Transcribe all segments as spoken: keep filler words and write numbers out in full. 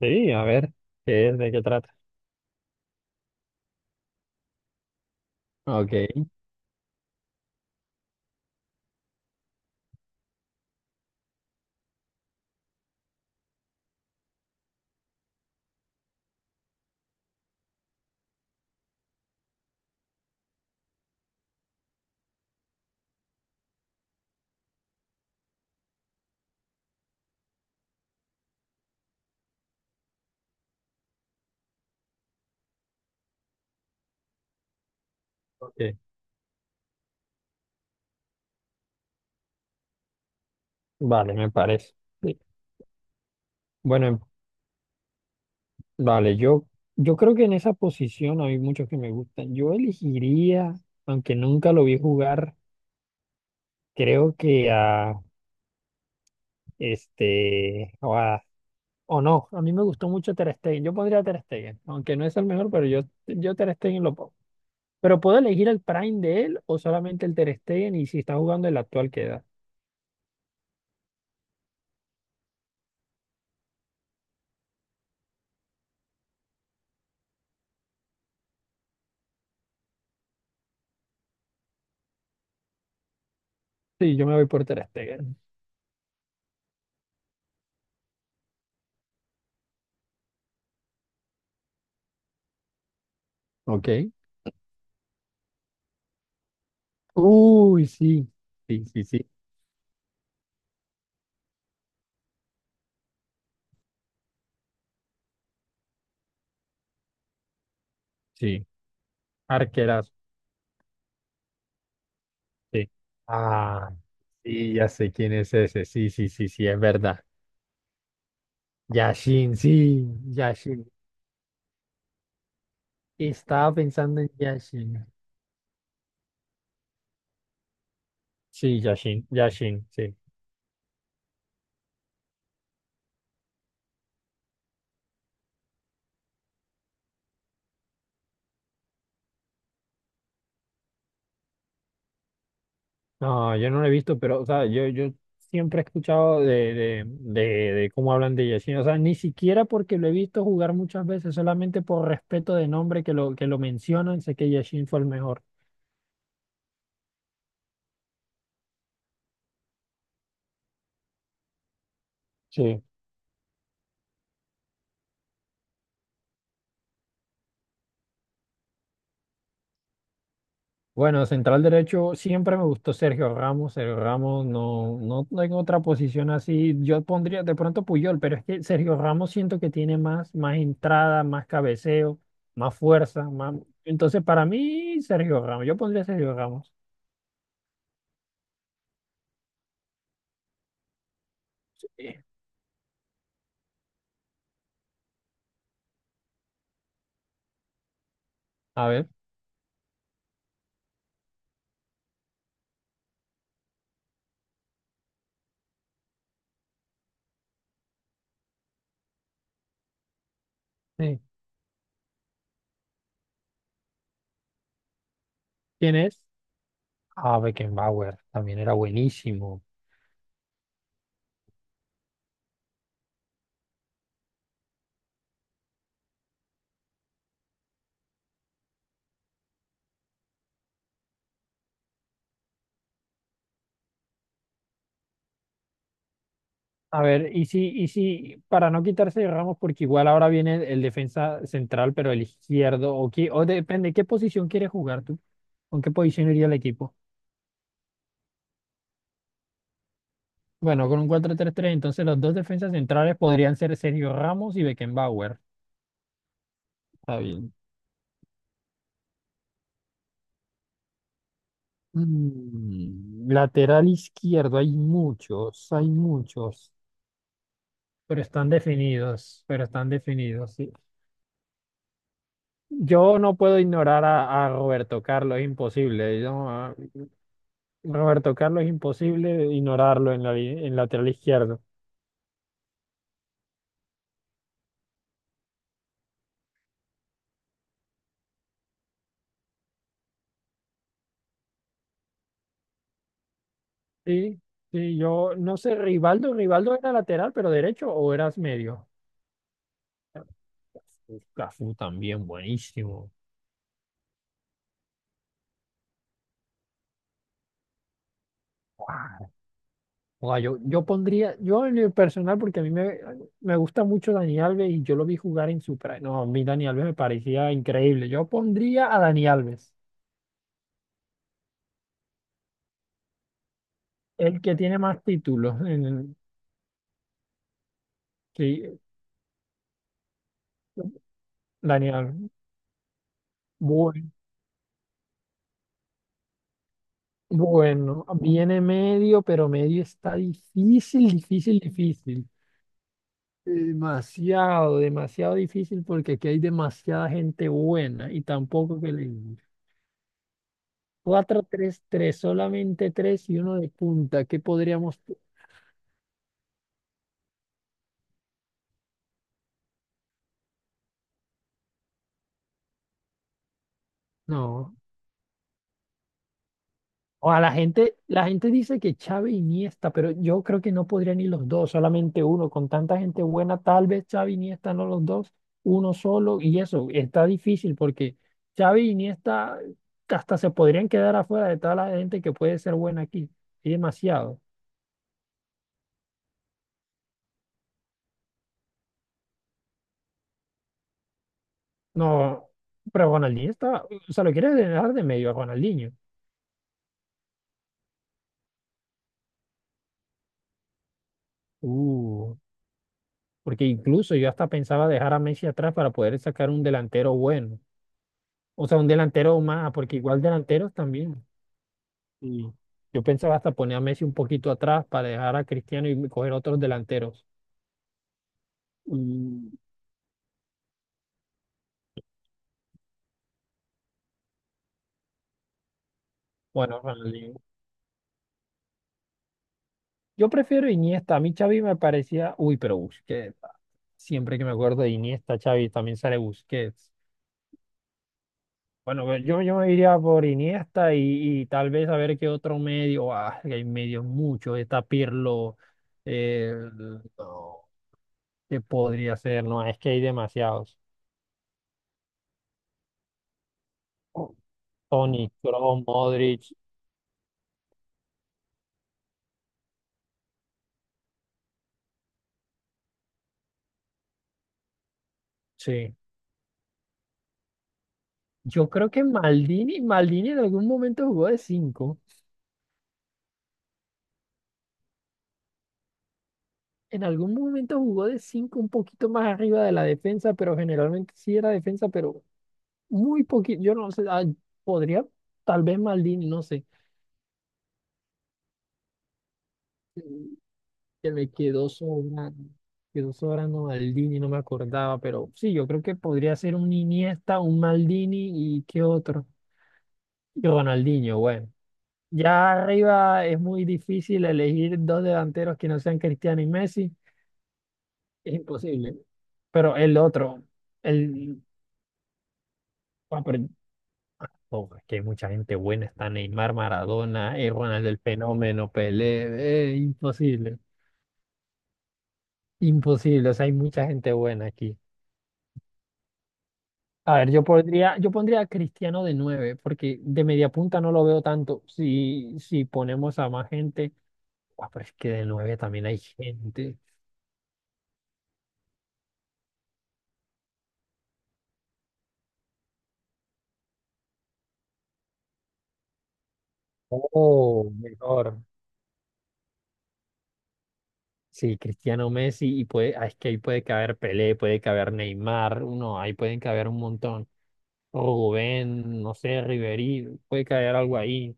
Sí, a ver, ¿qué es? ¿De qué trata? Ok, ok. Vale, me parece. Sí. Bueno, em- vale, yo, yo creo que en esa posición hay muchos que me gustan. Yo elegiría, aunque nunca lo vi jugar, creo que a este, o, a- o no, a mí me gustó mucho Ter Stegen. Yo pondría a Ter Stegen, aunque no es el mejor, pero yo, yo Ter Stegen lo pongo. Pero ¿puedo elegir el Prime de él o solamente el Ter Stegen y si está jugando el actual queda? Sí, yo me voy por Ter Stegen. Ok. Uy, sí, sí, sí, sí, sí, arquerazo, sí. Ah, sí, ya sé quién es ese, sí, sí, sí, sí, es verdad. Yashin, sí, Yashin. Estaba pensando en Yashin. Sí, Yashin, Yashin, sí. No, yo no lo he visto, pero, o sea, yo, yo siempre he escuchado de, de, de, de cómo hablan de Yashin. O sea, ni siquiera porque lo he visto jugar muchas veces, solamente por respeto de nombre que lo, que lo mencionan, sé que Yashin fue el mejor. Sí. Bueno, central derecho siempre me gustó Sergio Ramos. Sergio Ramos no, no tengo otra posición así. Yo pondría de pronto Puyol, pero es que Sergio Ramos siento que tiene más, más entrada, más cabeceo, más fuerza, más. Entonces, para mí, Sergio Ramos. Yo pondría Sergio Ramos. Sí. A ver, sí. ¿Quién es? Ah, Beckenbauer. También era buenísimo. A ver, y si, y si, para no quitarse de Ramos, porque igual ahora viene el defensa central, pero el izquierdo, o, qui- o depende, ¿qué posición quieres jugar tú? ¿Con qué posición iría el equipo? Bueno, con un cuatro tres tres, entonces los dos defensas centrales podrían ser Sergio Ramos y Beckenbauer. Está bien. Mm, lateral izquierdo, hay muchos, hay muchos, pero están definidos, pero están definidos, sí. Yo no puedo ignorar a, a Roberto Carlos, es imposible. yo- a- Roberto Carlos es imposible ignorarlo en la, li- en lateral izquierdo. Sí, sí, yo no sé, Rivaldo, Rivaldo era lateral, pero derecho o eras medio. Uf, Cafú también, buenísimo. O yo, yo pondría, yo en el personal, porque a mí me, me gusta mucho Dani Alves y yo lo vi jugar en su prime. No, a mí Dani Alves me parecía increíble. Yo pondría a Dani Alves, el que tiene más títulos. En el- sí, Dani Alves. Bueno, bueno, viene medio, pero medio está difícil, difícil, difícil. Demasiado, demasiado difícil porque aquí hay demasiada gente buena y tampoco que le cuatro tres tres solamente tres y uno de punta. ¿Qué podríamos...? pu- No. O a la gente, la gente dice que Xavi y Iniesta, pero yo creo que no podría ni los dos, solamente uno. Con tanta gente buena, tal vez Xavi y Iniesta no los dos, uno solo. Y eso está difícil porque Xavi y Iniesta hasta se podrían quedar afuera de toda la gente que puede ser buena aquí. Hay demasiado. No, pero Ronaldinho está. O sea, lo quieres dejar de medio a Ronaldinho. Uh. Porque incluso yo hasta pensaba dejar a Messi atrás para poder sacar un delantero bueno. O sea, un delantero más, porque igual delanteros también. Y yo pensaba hasta poner a Messi un poquito atrás para dejar a Cristiano y coger otros delanteros. Y bueno, en realidad, yo prefiero Iniesta. A mí Xavi me parecía, uy, pero Busquets. Siempre que me acuerdo de Iniesta, Xavi, también sale Busquets. Bueno, pues, yo, yo me iría por Iniesta y, y tal vez a ver qué otro medio. Ah, que hay medios muchos. Está Pirlo. eh, no, ¿qué podría ser? No, es que hay demasiados. Toni Kroos, Modric. Sí. Yo creo que Maldini, Maldini en algún momento jugó de cinco. En algún momento jugó de cinco, un poquito más arriba de la defensa, pero generalmente sí era defensa, pero muy poquito. Yo no sé. ah, podría, tal vez Maldini, no sé. Que me quedó sobrando, quedó sobrando Maldini, no me acordaba, pero sí, yo creo que podría ser un Iniesta, un Maldini y qué otro. Y Ronaldinho, bueno. Ya arriba es muy difícil elegir dos delanteros que no sean Cristiano y Messi, es imposible. Pero el otro, el... ah, pero- ah, oh, es que hay mucha gente buena, está Neymar, Maradona, eh, Ronaldo el Fenómeno, Pelé, eh, imposible, imposible, o sea, hay mucha gente buena aquí. A ver, yo podría, yo pondría a Cristiano de nueve porque de media punta no lo veo tanto. Si, si ponemos a más gente, guau, pero es que de nueve también hay gente. Oh, mejor. Sí, Cristiano Messi, y puede, ah, es que ahí puede caber Pelé, puede caber Neymar, no, ahí pueden caber un montón. Rubén, no sé, Ribery, puede caber algo ahí.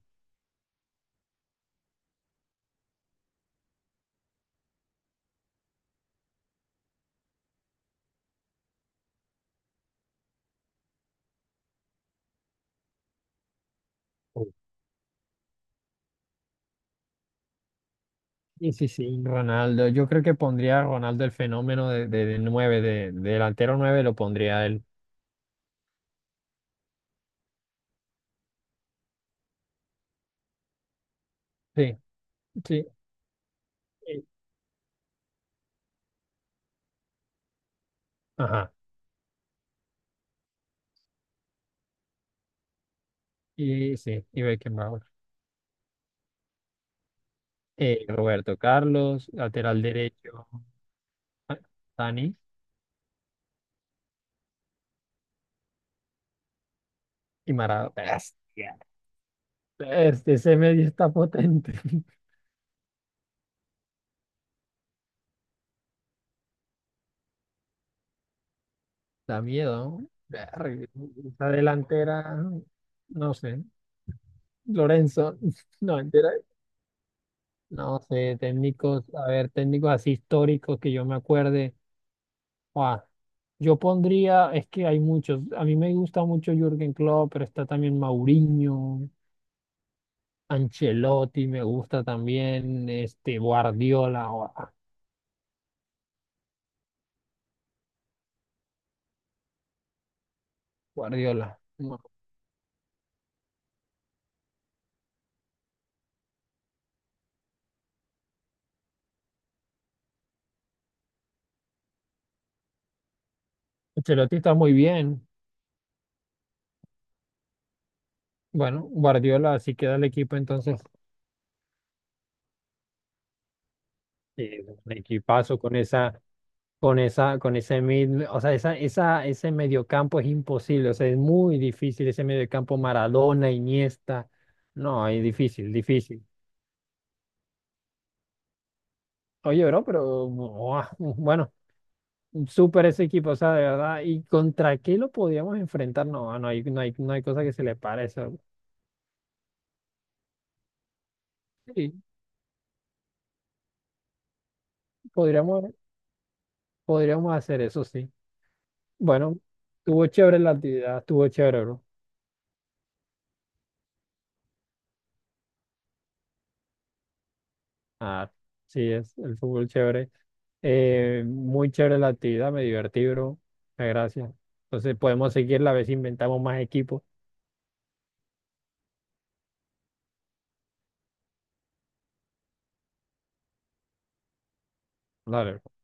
Sí, sí, sí, Ronaldo. Yo creo que pondría a Ronaldo el fenómeno de, de, de nueve, de, de delantero nueve lo pondría a él. Sí, sí. eh, Ajá. Y sí, y Beckenbauer. Eh, Roberto Carlos, lateral derecho, ah, Dani y Maradona. Bestia. Este, ese medio está potente. Da miedo, ¿no? Verga, esa delantera, no sé. Lorenzo, no, entera. No sé, técnicos, a ver, técnicos así históricos que yo me acuerde. Buah, yo pondría, es que hay muchos. A mí me gusta mucho Jürgen Klopp, pero está también Mourinho. Ancelotti me gusta también, este Guardiola, gua- Guardiola. No, Ancelotti está muy bien. Bueno, Guardiola así queda el equipo entonces. Eh, un equipazo con esa, con esa, con ese mid, o sea, esa, esa, ese mediocampo es imposible, o sea, es muy difícil ese mediocampo Maradona, Iniesta. No, es difícil, difícil. Oye, bro, pero buah, bueno, súper ese equipo, o sea, de verdad. ¿Y contra qué lo podíamos enfrentar? No, no hay, no hay, no hay cosa que se le pare. Sí, podríamos, podríamos hacer eso, sí. Bueno, estuvo chévere la actividad, estuvo chévere, bro. Ah, sí, es el fútbol chévere. Eh, muy chévere la actividad, me divertí, bro. Muchas gracias. Entonces podemos seguir la vez si inventamos más equipos. Dale, bro.